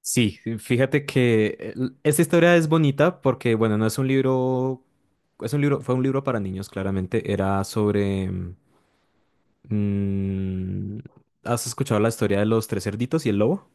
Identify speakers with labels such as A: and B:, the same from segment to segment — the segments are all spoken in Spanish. A: Sí, fíjate que esta historia es bonita porque, bueno, no es un libro, es un libro, fue un libro para niños, claramente. Era sobre, mm, ¿has escuchado la historia de los tres cerditos y el lobo?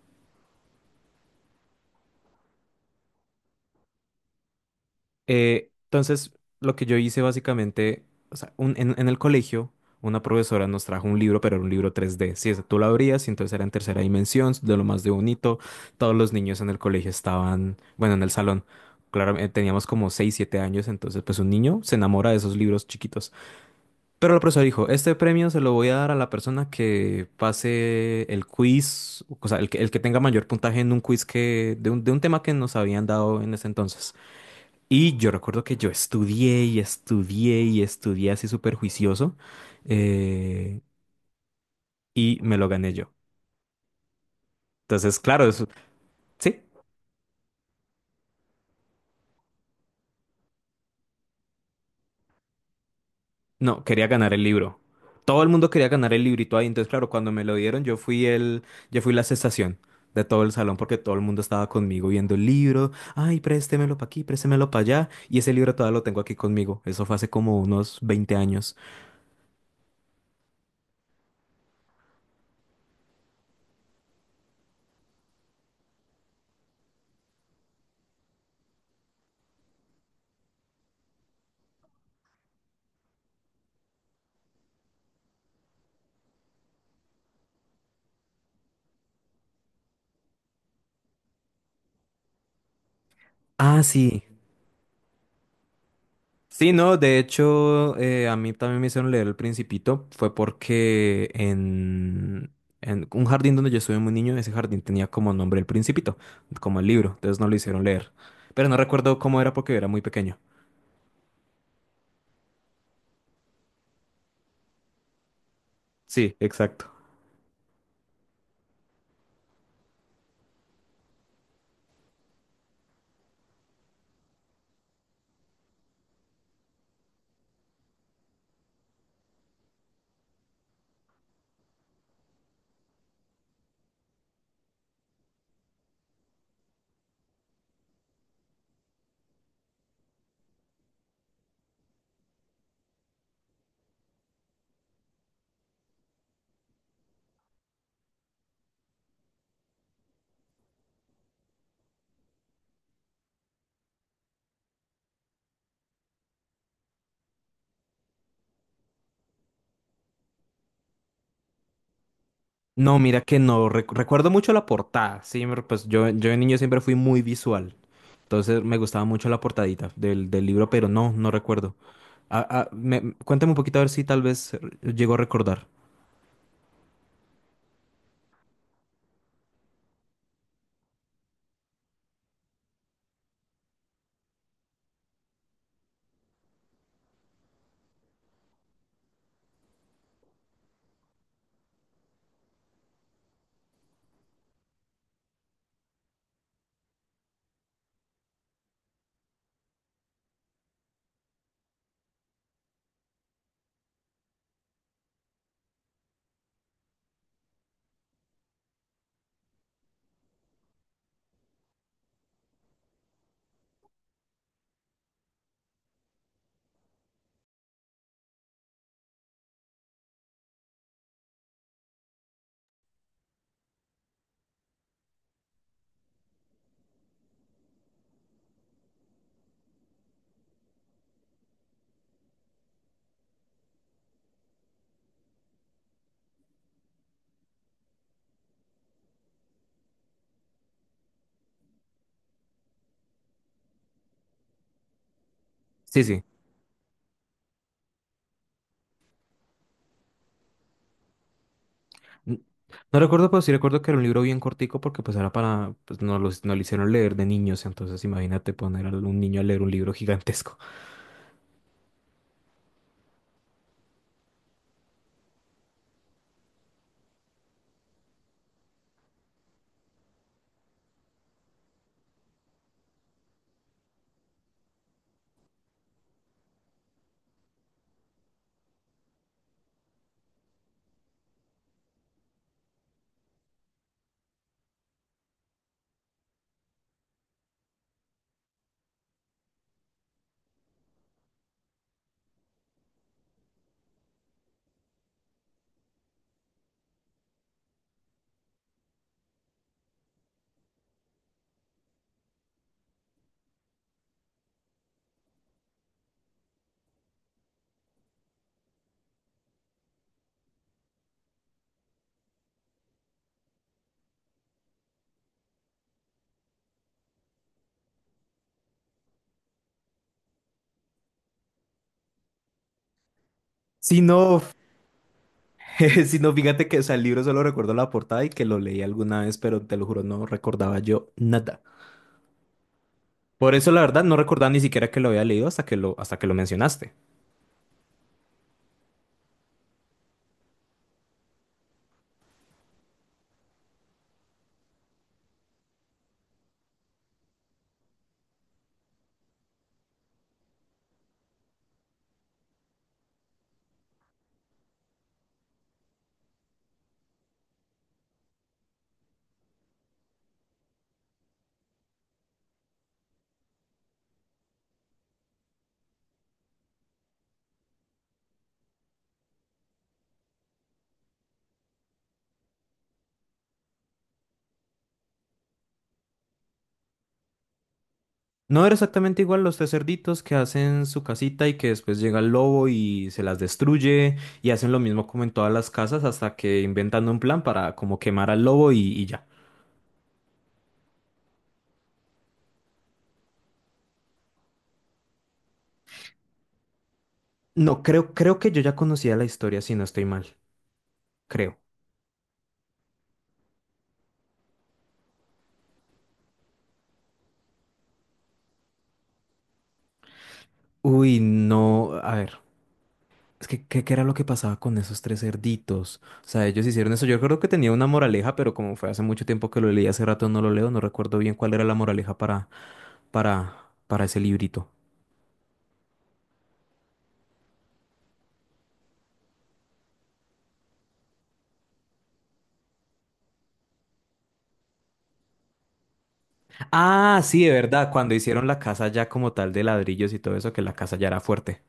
A: Entonces, lo que yo hice básicamente, o sea, en, el colegio, una profesora nos trajo un libro, pero era un libro 3D. Sí, ese tú lo abrías y entonces era en tercera dimensión, de lo más de bonito. Todos los niños en el colegio estaban, bueno, en el salón. Claro, teníamos como 6, 7 años, entonces pues un niño se enamora de esos libros chiquitos. Pero la profesora dijo, este premio se lo voy a dar a la persona que pase el quiz, o sea, el que tenga mayor puntaje en un quiz que, de un tema que nos habían dado en ese entonces. Y yo recuerdo que yo estudié y estudié y estudié así súper juicioso, eh, y me lo gané yo. Entonces, claro, eso, sí, no, quería ganar el libro. Todo el mundo quería ganar el librito ahí. Entonces, claro, cuando me lo dieron, yo fui la sensación de todo el salón porque todo el mundo estaba conmigo viendo el libro. Ay, préstemelo para aquí, préstemelo para allá. Y ese libro todavía lo tengo aquí conmigo. Eso fue hace como unos 20 años. Ah, sí. Sí, no, de hecho, a mí también me hicieron leer El Principito. Fue porque en, un jardín donde yo estuve muy niño, ese jardín tenía como nombre El Principito, como el libro, entonces no lo hicieron leer. Pero no recuerdo cómo era porque era muy pequeño. Sí, exacto. No, mira que no, recuerdo mucho la portada, sí, pues yo, de niño siempre fui muy visual, entonces me gustaba mucho la portadita del libro, pero no, no recuerdo. Ah, ah, cuéntame un poquito a ver si tal vez llego a recordar. Sí, sí. N- No recuerdo, pero sí recuerdo que era un libro bien cortico porque pues era para, pues nos lo hicieron leer de niños, entonces imagínate poner a un niño a leer un libro gigantesco. Si no, si no, fíjate que, o sea, el libro solo recuerdo la portada y que lo leí alguna vez, pero te lo juro, no recordaba yo nada. Por eso, la verdad, no recordaba ni siquiera que lo había leído hasta que lo mencionaste. No era exactamente igual los tres cerditos que hacen su casita y que después llega el lobo y se las destruye y hacen lo mismo como en todas las casas hasta que inventan un plan para como quemar al lobo y ya. No, creo que yo ya conocía la historia si no estoy mal, creo. Uy, no, a ver, es que qué era lo que pasaba con esos tres cerditos? O sea, ellos hicieron eso. Yo creo que tenía una moraleja, pero como fue hace mucho tiempo que lo leí, hace rato no lo leo, no recuerdo bien cuál era la moraleja para, para ese librito. Ah, sí, de verdad, cuando hicieron la casa ya como tal de ladrillos y todo eso, que la casa ya era fuerte.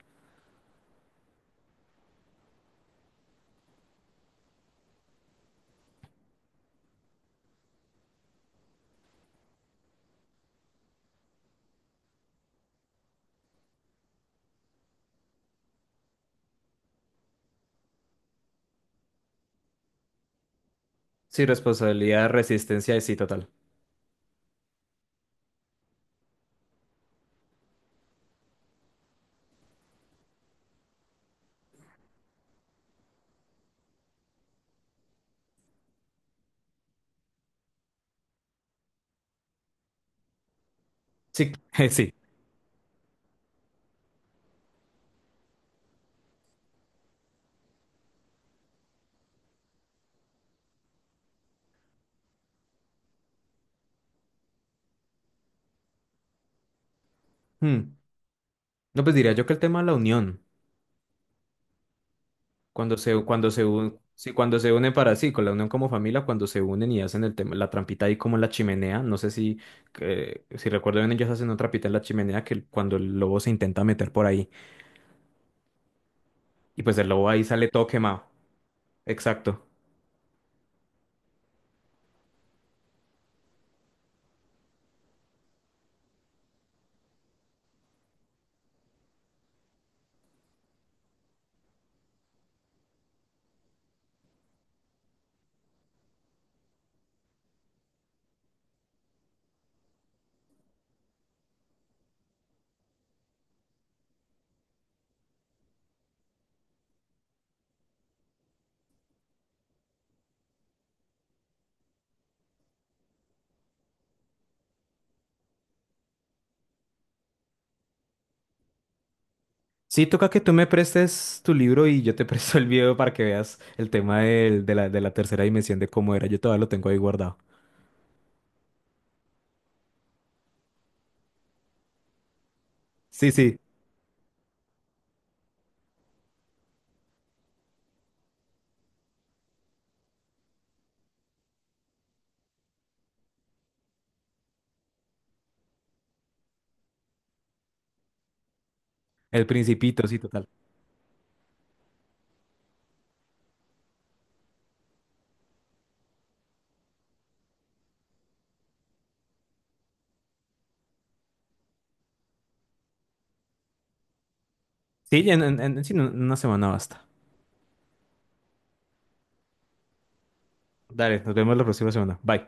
A: Sí, responsabilidad, resistencia, sí, total. Sí, sí. Hmm. No, pues diría yo que el tema de la unión, sí, cuando se unen para sí, con la unión como familia, cuando se unen y hacen el tema, la trampita ahí como en la chimenea, no sé si, si recuerdo bien, ellos hacen una trampita en la chimenea que cuando el lobo se intenta meter por ahí, y pues el lobo ahí sale todo quemado. Exacto. Sí, toca que tú me prestes tu libro y yo te presto el video para que veas el tema de la, tercera dimensión de cómo era. Yo todavía lo tengo ahí guardado. Sí, sí, El Principito, sí, total. Sí, sí, en una semana basta. Dale, nos vemos la próxima semana. Bye.